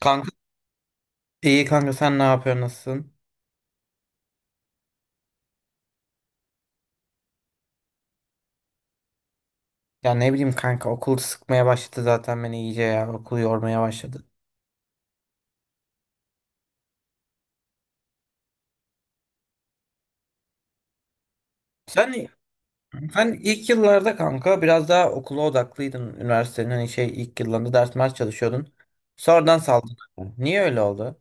Kanka iyi kanka sen ne yapıyorsun nasılsın? Ya ne bileyim kanka okul sıkmaya başladı zaten beni iyice ya okul yormaya başladı. Sen sen ilk yıllarda kanka biraz daha okula odaklıydın üniversitenin hani şey ilk yıllarında ders mers çalışıyordun. Sonradan saldın. Niye öyle oldu?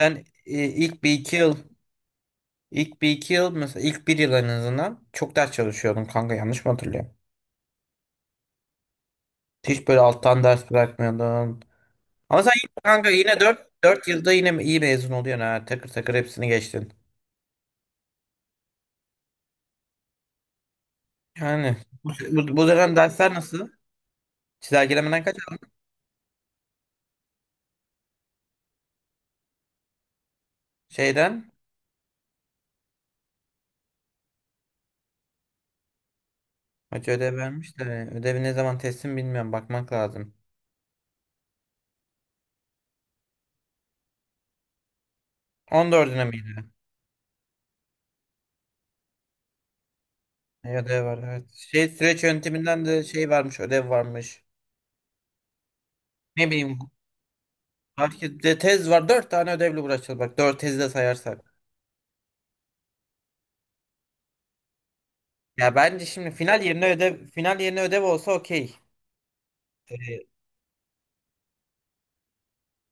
Sen ilk bir iki yıl mesela ilk bir yıl en azından çok ders çalışıyordun kanka yanlış mı hatırlıyorum? Hiç böyle alttan ders bırakmıyordun. Ama sen yine kanka yine dört yılda yine iyi mezun oluyorsun ha. Takır takır hepsini geçtin. Yani bu dönem dersler nasıl? Çizelgelemeden kaç aldın? Şeyden hoca ödev vermiş de ödevi ne zaman teslim bilmiyorum bakmak lazım. 14'üne miydi? E, ödev var evet. Şey süreç yönteminden de şey varmış ödev varmış. Ne bileyim herkes de tez var. 4 tane ödevle uğraşacağız bak 4 tezi de sayarsak. Ya bence şimdi final yerine ödev olsa okey. E,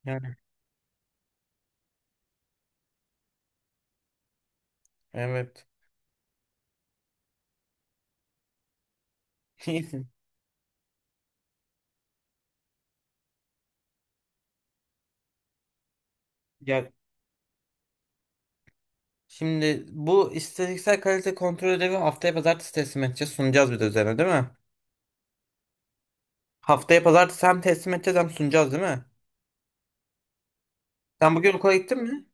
yani evet. Ya, şimdi bu istatistiksel kalite kontrol ödevi haftaya pazartesi teslim edeceğiz. Sunacağız bir de üzerine değil mi? Haftaya pazartesi hem teslim edeceğiz hem sunacağız değil mi? Sen bugün okula gittin mi?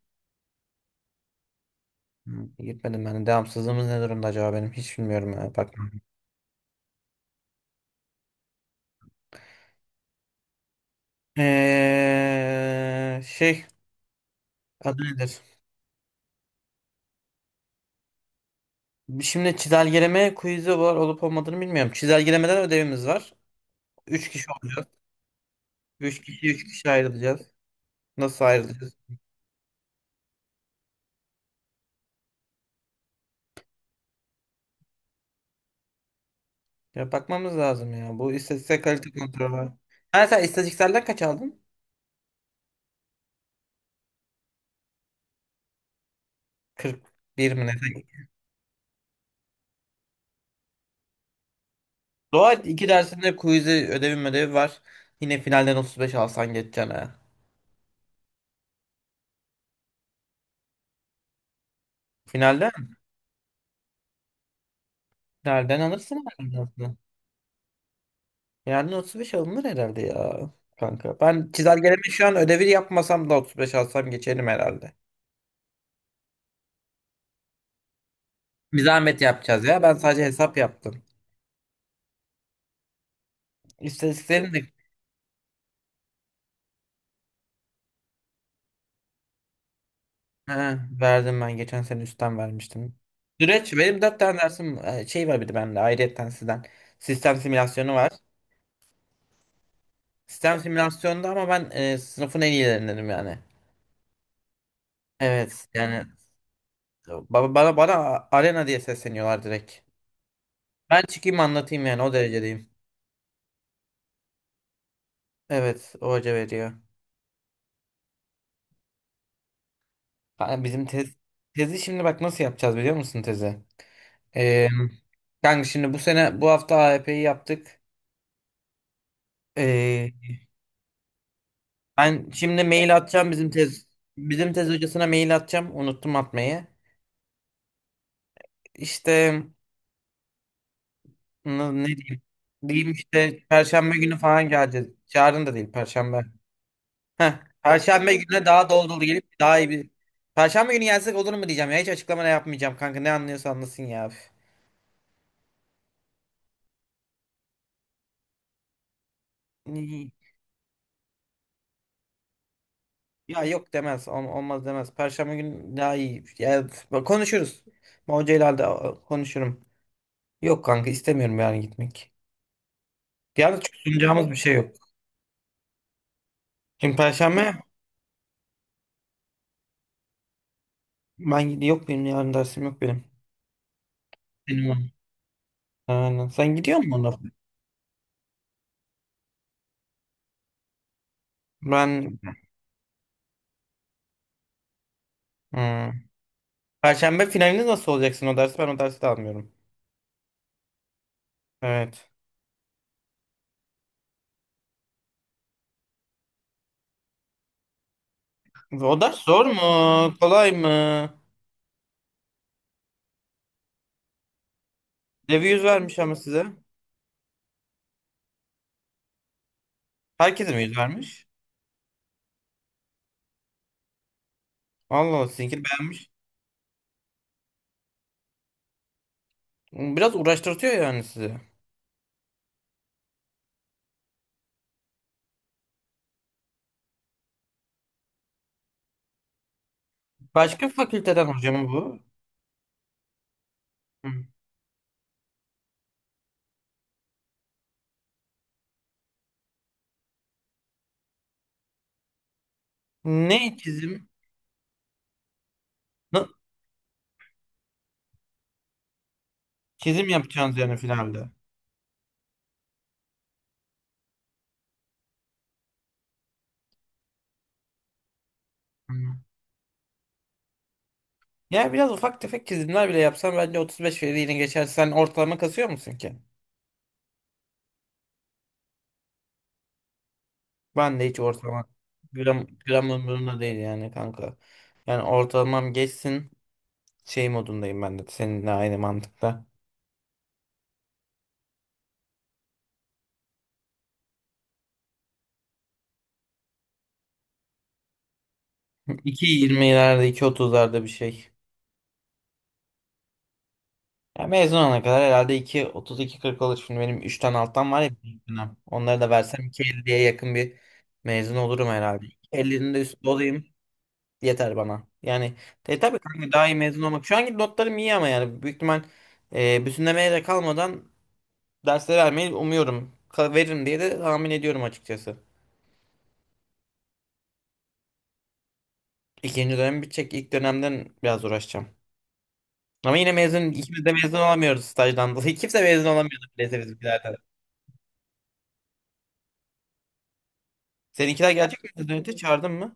Hı, gitmedim ben. Devamsızlığımız ne durumda acaba benim? Hiç bilmiyorum ya, bak. Şey adı nedir? Şimdi çizelgeleme quiz'i var olup olmadığını bilmiyorum. Çizelgelemeden ödevimiz var. 3 kişi olacağız. Üç kişi ayrılacağız. Nasıl ayrılacağız? Ya bakmamız lazım ya. Bu istatistiksel kalite kontrolü var. Ha sen istatistikselden kaç aldın? 41 mi ne? Doğal iki dersinde quiz'i ödevi var. Yine finalden 35 alsan geçeceksin ha. Finalden? Finalden alırsın herhalde aslında. Yani 35 alınır herhalde ya kanka. Ben çizelgeleme şu an ödevi yapmasam da 35 alsam geçerim herhalde. Bir zahmet yapacağız ya. Ben sadece hesap yaptım. İstatistiklerini de ha, verdim ben. Geçen sene üstten vermiştim. Süreç benim 4 tane dersim şey var bir de bende ayrıyetten sizden. Sistem simülasyonu var. Sistem simülasyonda ama ben sınıfın en iyilerindenim yani. Evet yani bana arena diye sesleniyorlar direkt. Ben çıkayım anlatayım yani o derecedeyim. Evet o hoca veriyor. Kanka bizim tezi şimdi bak nasıl yapacağız biliyor musun tezi? Ee, Kanka şimdi bu sene bu hafta AYP'yi yaptık. Ee, Ben şimdi mail atacağım bizim tez hocasına mail atacağım unuttum atmayı. İşte Ne diyeyim? Diyeyim işte Perşembe günü falan geleceğiz. Yarın da değil Perşembe. Heh, Perşembe gününe daha dolu dolu gelip daha iyi bir... Perşembe günü gelsek olur mu diyeceğim ya. Hiç açıklama da yapmayacağım kanka. Ne anlıyorsa anlasın ya. Üf. Ni- Ya yok demez. Olmaz demez. Perşembe günü daha iyi. Ya, üf, bak konuşuruz. Ben hocayla da konuşurum. Yok kanka istemiyorum yani gitmek. Yalnız çok sunacağımız bir şey yok. Şimdi Perşembe ben gidi yok benim yarın dersim yok benim. Benim var. Aynen. Sen gidiyor musun ona? Ben Hmm. Perşembe finalinde nasıl olacaksın o dersi? Ben o dersi de almıyorum. Evet. O ders zor mu? Kolay mı? Devi yüz vermiş ama size. Herkese mi yüz vermiş? Allah Allah sizinki beğenmiş. Biraz uğraştırtıyor yani sizi. Başka fakülteden hoca mı bu? Hı. Ne çizim? Na- Çizim yapacaksınız yani finalde. Hı. Ya biraz ufak tefek çizimler bile yapsan bence 35 veriyle geçer. Sen ortalama kasıyor musun ki? Ben de hiç ortalama gram umurumda değil yani kanka. Yani ortalamam geçsin şey modundayım ben de seninle aynı mantıkta. iki yirmilerde iki otuzlarda bir şey. Ya mezun olana kadar herhalde iki otuz iki kırk olur. Şimdi benim 3'ten alttan var ya bir dönem. Onları da versem 2,50'ye yakın bir mezun olurum herhalde. 2,50'nin de üstü olayım yeter bana. Yani tabii kanka daha iyi mezun olmak. Şu anki notlarım iyi ama yani büyük ihtimal bütünlemeye de kalmadan dersleri vermeyi umuyorum. Veririm diye de tahmin ediyorum açıkçası. İkinci dönem bitecek. İlk dönemden biraz uğraşacağım. Ama yine mezun, ikimiz de mezun olamıyoruz stajdan dolayı. Kimse mezun olamıyordu neyse bizimkilerden. Seninkiler gelecek mi mezun heyeti? Çağırdın mı?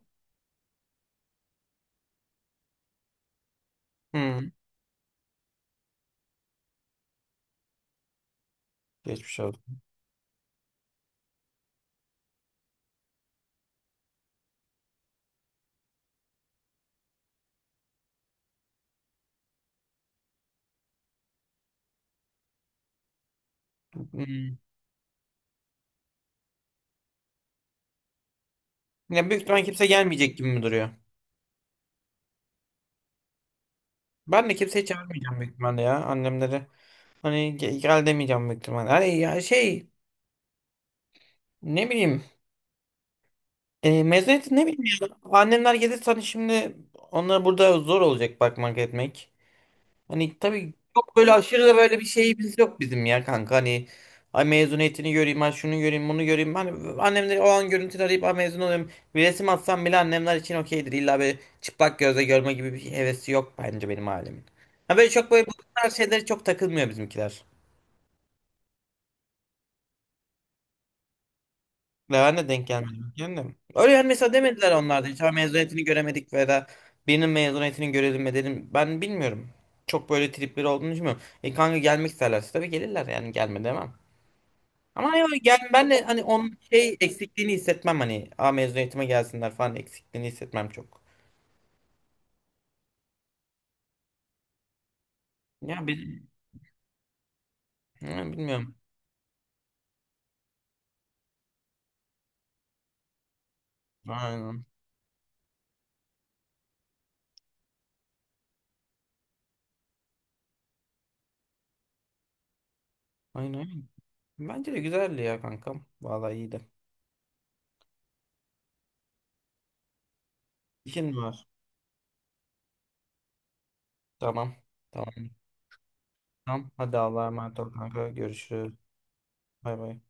Hmm. Geçmiş oldu. Hmm. Yani büyük ihtimal kimse gelmeyecek gibi mi duruyor? Ben de kimseyi çağırmayacağım büyük ihtimalle ya annemleri. Hani gel demeyeceğim büyük ihtimalle. Hani ya şey ne bileyim. E, mezuniyeti ne bileyim ya. Annemler gelirse hani şimdi onlara burada zor olacak bakmak etmek. Hani tabii çok böyle aşırı da böyle bir şeyimiz yok bizim ya kanka. Hani ay mezuniyetini göreyim, ay şunu göreyim, bunu göreyim. Hani annemleri o an görüntüleri arayıp ay mezun olayım. Bir resim atsam bile annemler için okeydir. İlla böyle çıplak gözle görme gibi bir hevesi yok bence benim ailemin. Ha böyle çok böyle bu tarz şeylere çok takılmıyor bizimkiler. Ve ben de denk gelmedim. Kendim. Öyle yani mesela demediler onlar da. Hiç "Ay mezuniyetini göremedik veya da birinin mezuniyetini görelim mi dedim. Ben bilmiyorum. Çok böyle tripleri olduğunu düşünmüyorum. E kanka gelmek isterlerse tabii gelirler yani gelme demem. Ama hani böyle gel ben de hani onun şey eksikliğini hissetmem hani a mezun eğitime gelsinler falan eksikliğini hissetmem çok. Ya, bilmiyorum. Aynen. Aynen. Aynen. Bence de güzeldi ya kankam. Vallahi iyiydi. İşin mi var? Tamam. Tamam. Tamam. Hadi Allah'a emanet ol kanka. Görüşürüz. Bay bay.